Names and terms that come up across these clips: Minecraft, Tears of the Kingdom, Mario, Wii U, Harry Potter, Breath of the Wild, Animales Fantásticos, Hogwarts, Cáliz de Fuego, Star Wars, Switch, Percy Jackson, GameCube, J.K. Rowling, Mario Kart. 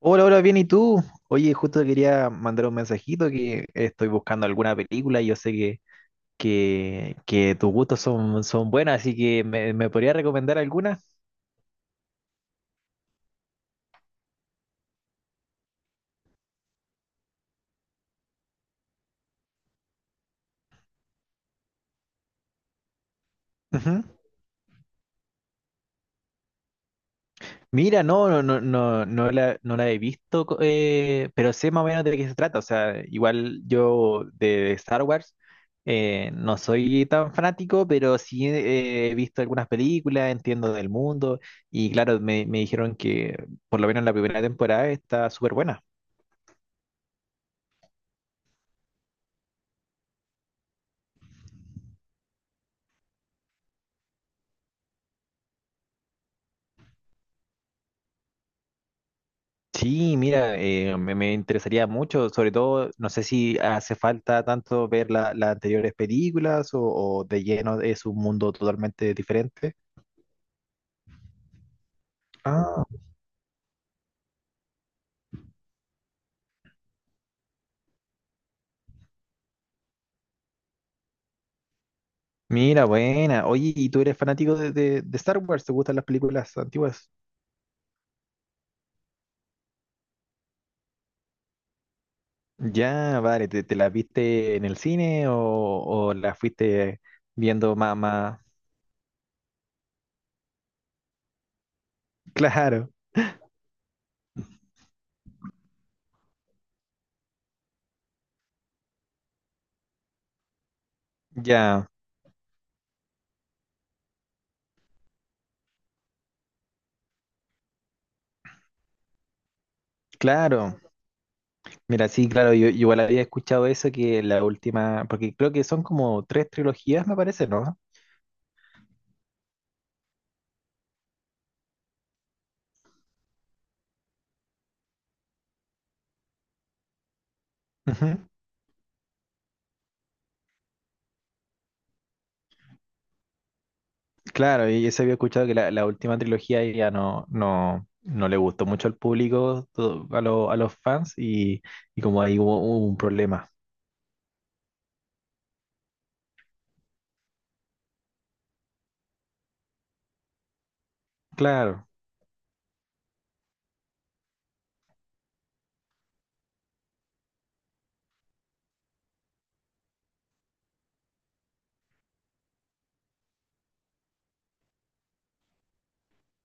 Hola, hola, bien, ¿y tú? Oye, justo quería mandar un mensajito que estoy buscando alguna película y yo sé que tus gustos son, son buenas, así que ¿me podría recomendar alguna? Ujú. Mira, no, no la he visto, pero sé más o menos de qué se trata. O sea, igual yo de Star Wars no soy tan fanático, pero sí he visto algunas películas, entiendo del mundo, y claro, me dijeron que por lo menos la primera temporada está súper buena. Sí, mira, me interesaría mucho, sobre todo, no sé si hace falta tanto ver las anteriores películas o de lleno es un mundo totalmente diferente. Ah, mira, buena. Oye, ¿y tú eres fanático de, de Star Wars? ¿Te gustan las películas antiguas? Ya, vale, te las viste en el cine o las fuiste viendo más, más? Claro, ya, claro. Mira, sí, claro, yo igual había escuchado eso que la última, porque creo que son como tres trilogías, me parece, ¿no? Ujú. Claro, y eso había escuchado que la última trilogía ya no le gustó mucho al público, a los fans, y como ahí hubo, hubo un problema. Claro.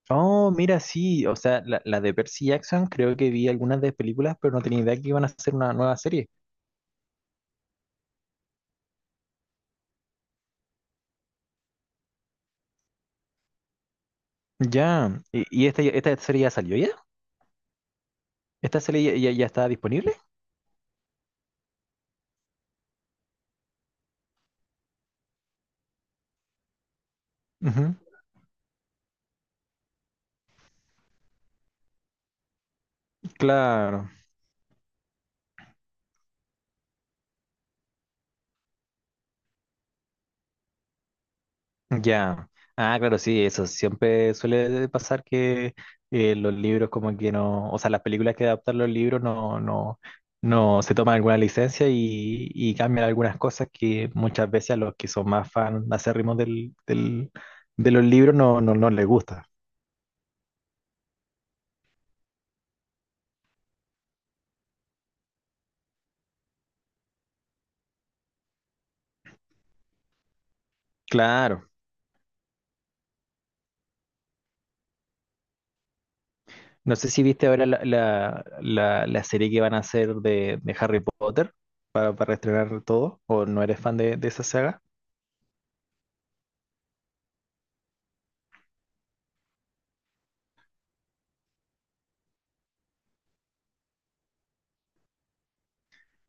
Oh, mira, sí, o sea, la de Percy Jackson, creo que vi algunas de películas, pero no tenía idea que iban a hacer una nueva serie. Ya, y esta serie ya salió ya? ¿Esta serie ya está disponible? Ujú. Claro. Ya. Ah, claro, sí, eso siempre suele pasar que los libros como que no, o sea, las películas que adaptan los libros no se toman alguna licencia y cambian algunas cosas que muchas veces a los que son más fan acérrimos de los libros no les gusta. Claro. No sé si viste ahora la serie que van a hacer de Harry Potter para estrenar todo, o no eres fan de esa saga.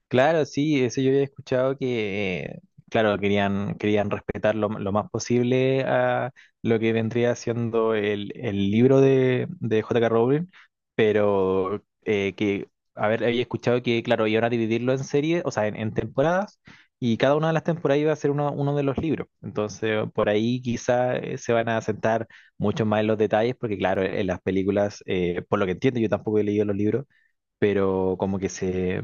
Claro, sí, eso yo había escuchado que, claro, querían respetar lo más posible a lo que vendría siendo el libro de J.K. Rowling, pero a ver, había escuchado que, claro, iban a dividirlo en series, o sea, en temporadas, y cada una de las temporadas iba a ser uno, uno de los libros. Entonces, por ahí quizá se van a sentar mucho más en los detalles, porque, claro, en las películas, por lo que entiendo, yo tampoco he leído los libros pero como que se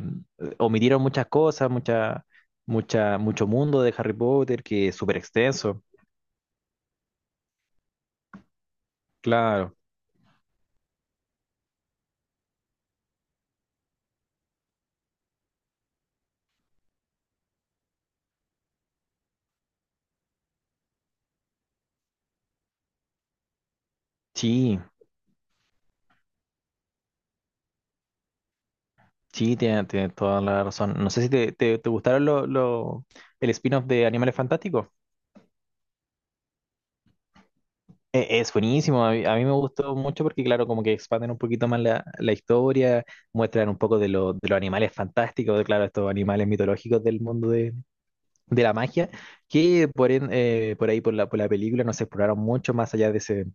omitieron muchas cosas, mucho mundo de Harry Potter que es súper extenso. Claro, sí, sí, tiene toda la razón. No sé si te gustaron el spin-off de Animales Fantásticos. Es buenísimo, a a mí me gustó mucho porque claro, como que expanden un poquito más la historia, muestran un poco de, de los animales fantásticos, de claro, estos animales mitológicos del mundo de la magia, que por ahí por por la película no se exploraron mucho más allá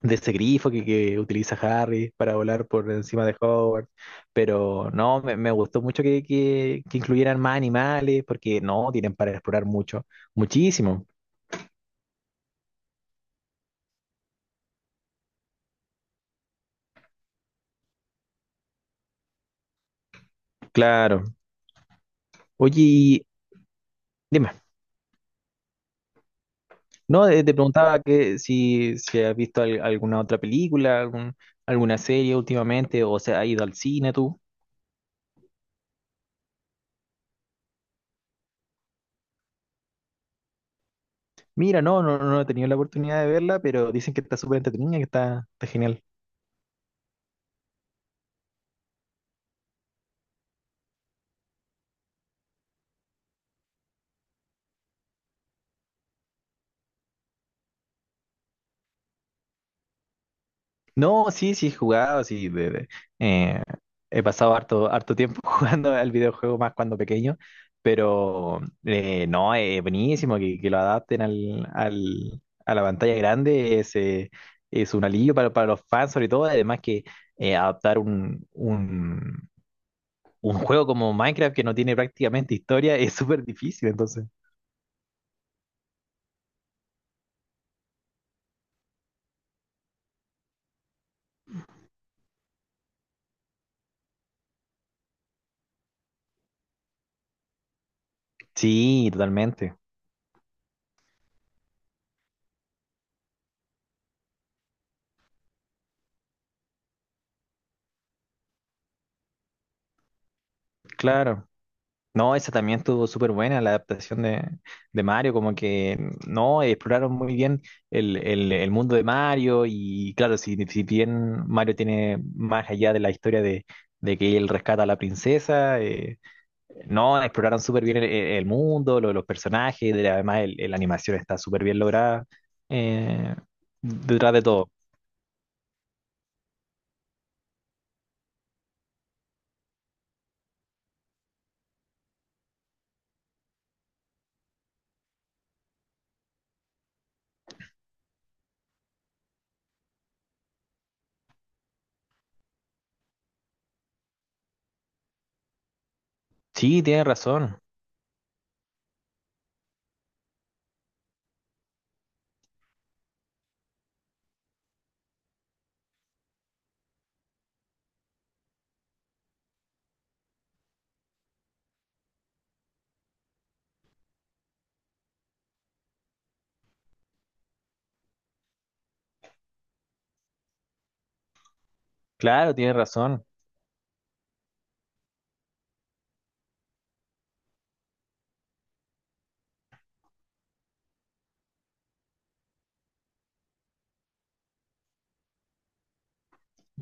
de ese grifo que utiliza Harry para volar por encima de Hogwarts. Pero no, me gustó mucho que, que incluyeran más animales, porque no, tienen para explorar mucho, muchísimo. Claro. Oye, y dime, no, te preguntaba que si, si has visto alguna otra película, algún, alguna serie últimamente, o se ha ido al cine tú. Mira, no he tenido la oportunidad de verla, pero dicen que está súper entretenida, que está, está genial. No, sí, sí he jugado, sí. Eh, He pasado harto, harto tiempo jugando al videojuego más cuando pequeño, pero no, es buenísimo que lo adapten a la pantalla grande, es un alivio para los fans sobre todo, además que adaptar un juego como Minecraft que no tiene prácticamente historia es súper difícil, entonces. Sí, totalmente, claro. No, esa también estuvo súper buena, la adaptación de Mario, como que no, exploraron muy bien el mundo de Mario y claro, si, si bien Mario tiene más allá de la historia de que él rescata a la princesa, no, exploraron súper bien el mundo, los personajes, la animación está súper bien lograda eh, detrás de todo. Sí, tienes razón, claro, tienes razón.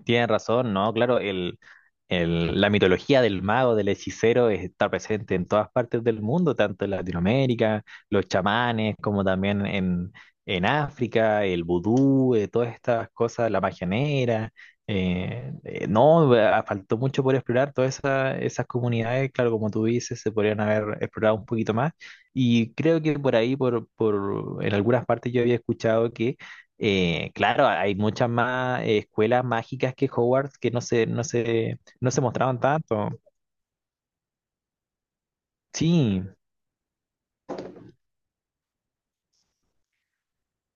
Tienes razón, ¿no? Claro, la mitología del mago, del hechicero, está presente en todas partes del mundo, tanto en Latinoamérica, los chamanes, como también en África, el vudú, todas estas cosas, la magia negra. No, Faltó mucho por explorar todas esas comunidades, claro, como tú dices, se podrían haber explorado un poquito más. Y creo que por ahí, en algunas partes yo había escuchado que claro, hay muchas más escuelas mágicas que Hogwarts que no se mostraban tanto. Sí,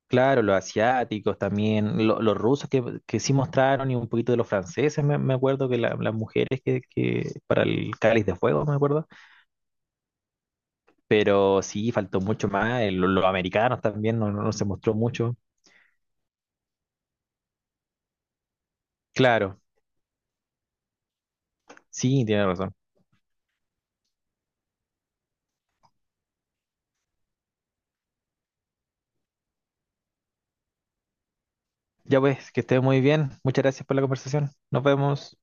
claro, los asiáticos también, los rusos que sí mostraron y un poquito de los franceses, me acuerdo que las mujeres que para el Cáliz de Fuego, me acuerdo. Pero sí, faltó mucho más, los americanos también no, no no se mostró mucho. Claro, sí, tiene razón. Ya pues, que esté muy bien. Muchas gracias por la conversación. Nos vemos.